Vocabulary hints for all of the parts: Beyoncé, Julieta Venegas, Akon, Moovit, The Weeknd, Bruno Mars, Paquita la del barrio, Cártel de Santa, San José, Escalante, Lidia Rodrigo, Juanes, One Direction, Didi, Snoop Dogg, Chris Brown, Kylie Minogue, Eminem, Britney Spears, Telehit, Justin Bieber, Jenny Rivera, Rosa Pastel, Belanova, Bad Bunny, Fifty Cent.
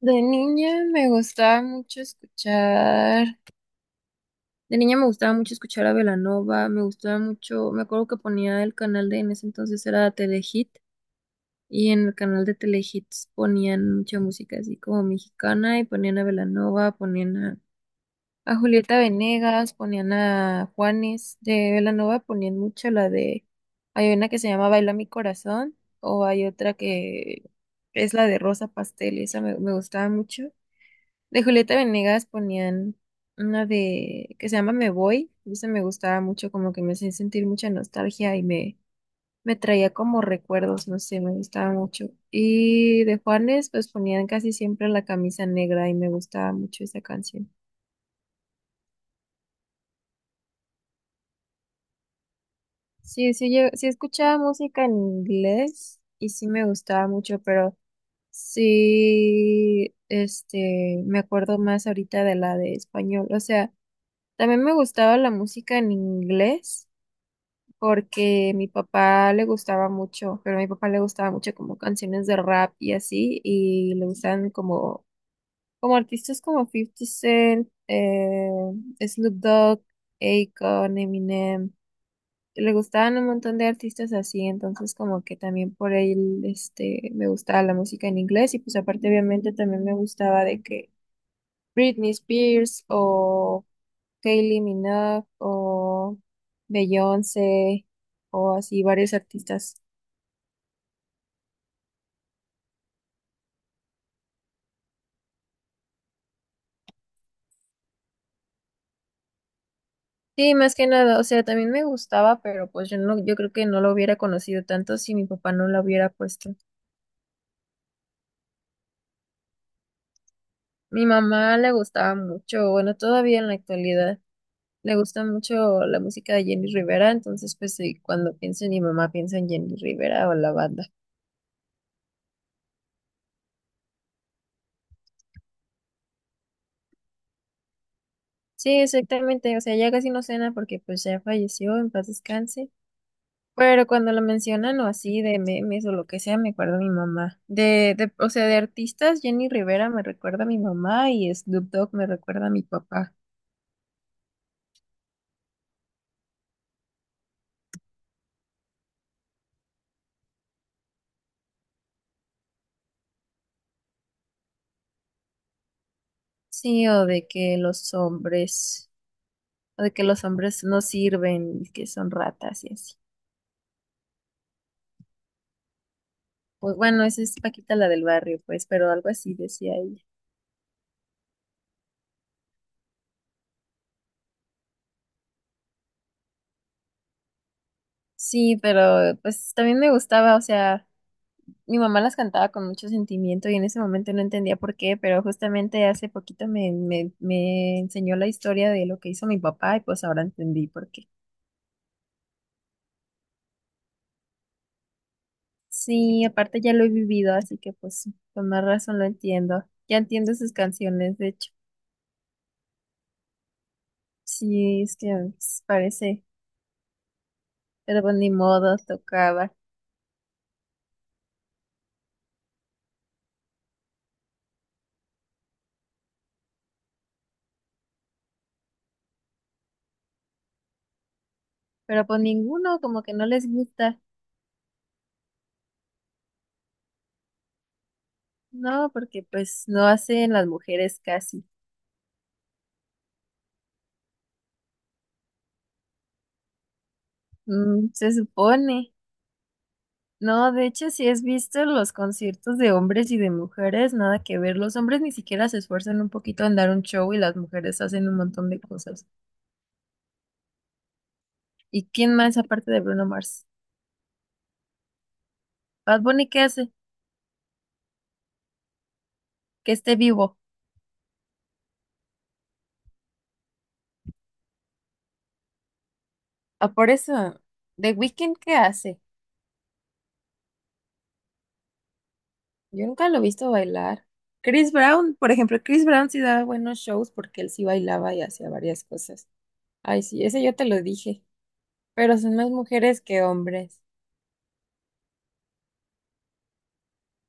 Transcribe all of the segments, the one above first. De niña me gustaba mucho escuchar a Belanova, me gustaba mucho, me acuerdo que ponía el canal de, en ese entonces era Telehit, y en el canal de Telehits ponían mucha música así como mexicana, y ponían a Belanova, a Julieta Venegas, ponían a Juanes. De Belanova ponían mucho la de, hay una que se llama Baila mi corazón, o hay otra que es la de Rosa Pastel, esa me gustaba mucho. De Julieta Venegas ponían una de que se llama Me Voy, y esa me gustaba mucho, como que me hacía sentir mucha nostalgia y me traía como recuerdos, no sé, me gustaba mucho. Y de Juanes, pues ponían casi siempre la camisa negra y me gustaba mucho esa canción. Sí, sí, yo sí escuchaba música en inglés y sí me gustaba mucho, pero sí, me acuerdo más ahorita de la de español, o sea, también me gustaba la música en inglés porque mi papá le gustaba mucho, pero a mi papá le gustaba mucho como canciones de rap y así, y le gustan como artistas como Fifty Cent, Snoop Dogg, Akon, Eminem. Le gustaban un montón de artistas así, entonces como que también por él, me gustaba la música en inglés y pues aparte obviamente también me gustaba de que Britney Spears o Kylie Minogue o Beyoncé o así varios artistas. Sí, más que nada, o sea, también me gustaba, pero pues yo no, yo creo que no lo hubiera conocido tanto si mi papá no lo hubiera puesto. Mi mamá le gustaba mucho, bueno, todavía en la actualidad le gusta mucho la música de Jenny Rivera, entonces pues sí, cuando pienso en mi mamá pienso en Jenny Rivera o la banda. Sí, exactamente, o sea, ya casi no cena porque pues ya falleció, en paz descanse. Pero cuando lo mencionan o así de memes o lo que sea, me acuerdo a mi mamá. O sea, de artistas, Jenny Rivera me recuerda a mi mamá y Snoop Dogg me recuerda a mi papá. Sí, o de que los hombres, o de que los hombres no sirven y que son ratas y así. Pues bueno, esa es Paquita la del barrio, pues, pero algo así decía ella. Sí, pero pues también me gustaba, o sea. Mi mamá las cantaba con mucho sentimiento y en ese momento no entendía por qué, pero justamente hace poquito me enseñó la historia de lo que hizo mi papá y pues ahora entendí por qué. Sí, aparte ya lo he vivido, así que pues con más razón lo entiendo. Ya entiendo sus canciones, de hecho. Sí, es que pues, parece, pero pues ni modo, tocaba. Pero pues ninguno como que no les gusta, ¿no? Porque pues no hacen las mujeres casi. Mm, se supone. No, de hecho, si has visto los conciertos de hombres y de mujeres, nada que ver. Los hombres ni siquiera se esfuerzan un poquito en dar un show y las mujeres hacen un montón de cosas. ¿Y quién más aparte de Bruno Mars? Bad Bunny, ¿qué hace? Que esté vivo. Ah, por eso. ¿The Weeknd qué hace? Yo nunca lo he visto bailar. Chris Brown, por ejemplo, Chris Brown sí daba buenos shows porque él sí bailaba y hacía varias cosas. Ay, sí, ese yo te lo dije. Pero son más mujeres que hombres.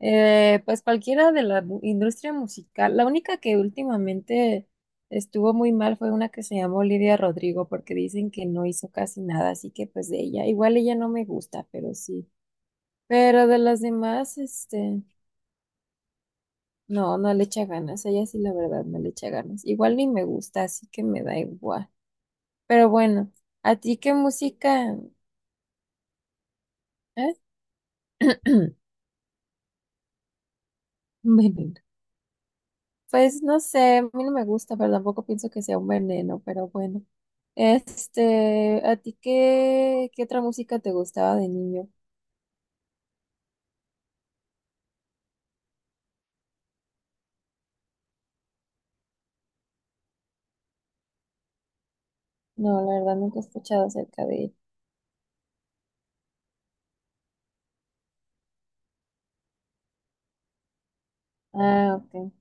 Pues cualquiera de la industria musical. La única que últimamente estuvo muy mal fue una que se llamó Lidia Rodrigo, porque dicen que no hizo casi nada, así que pues de ella, igual ella no me gusta, pero sí. Pero de las demás, no, no le echa ganas. Ella sí, la verdad, no le echa ganas. Igual ni me gusta, así que me da igual. Pero bueno, ¿a ti qué música? ¿Eh? Bueno. Pues no sé, a mí no me gusta, pero tampoco pienso que sea un veneno, pero bueno. ¿A ti qué otra música te gustaba de niño? No, la verdad nunca he escuchado acerca de ella. Ah, ok.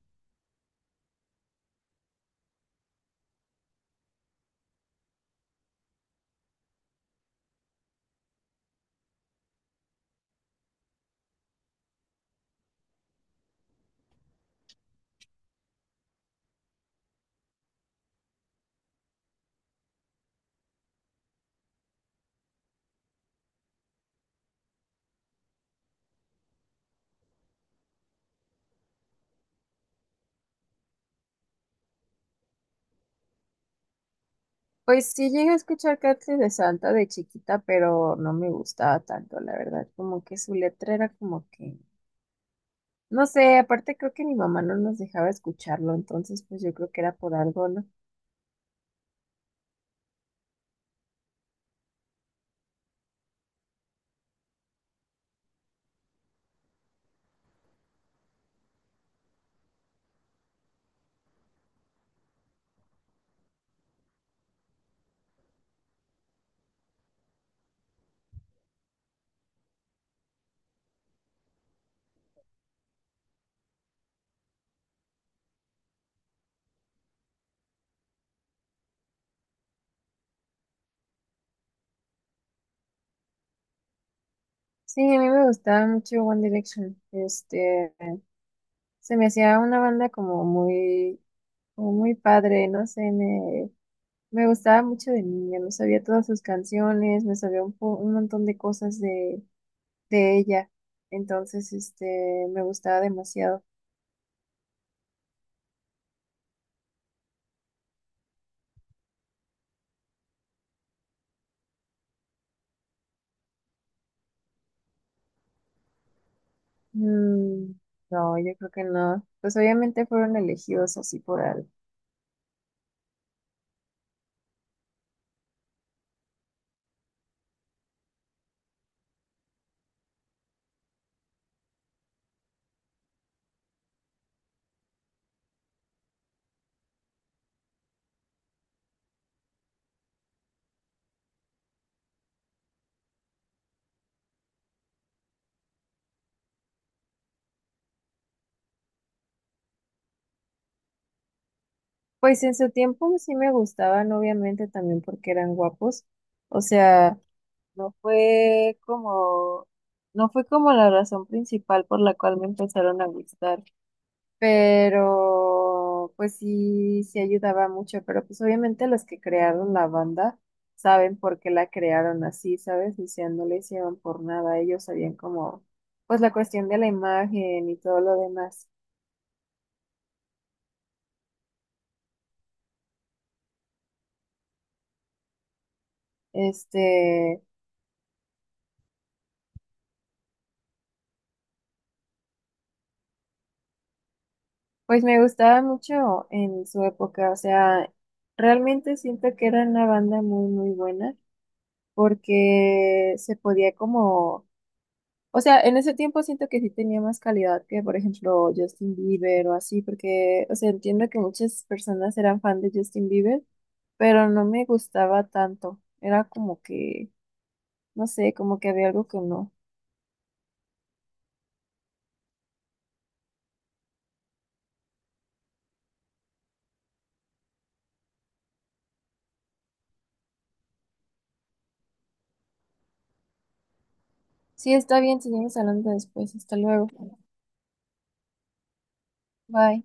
Pues sí llegué a escuchar Cártel de Santa de chiquita, pero no me gustaba tanto, la verdad. Como que su letra era como que, no sé, aparte creo que mi mamá no nos dejaba escucharlo, entonces pues yo creo que era por algo, ¿no? Sí, a mí me gustaba mucho One Direction. Se me hacía una banda como muy padre, no sé, me gustaba mucho de niña, me sabía todas sus canciones, me sabía un, un montón de cosas de ella, entonces, me gustaba demasiado. Mm, no, yo creo que no, pues obviamente fueron elegidos así por algo. Pues en su tiempo sí me gustaban, obviamente también porque eran guapos, o sea... No fue como, no fue como la razón principal por la cual me empezaron a gustar, pero pues sí, sí ayudaba mucho, pero pues obviamente los que crearon la banda saben por qué la crearon así, ¿sabes? O sea, no le hicieron por nada, ellos sabían como, pues la cuestión de la imagen y todo lo demás. Este, pues me gustaba mucho en su época, o sea, realmente siento que era una banda muy, muy buena. Porque se podía como, o sea, en ese tiempo siento que sí tenía más calidad que, por ejemplo, Justin Bieber o así, porque, o sea, entiendo que muchas personas eran fan de Justin Bieber, pero no me gustaba tanto. Era como que, no sé, como que había algo que no. Sí, está bien, seguimos hablando después. Hasta luego. Bye.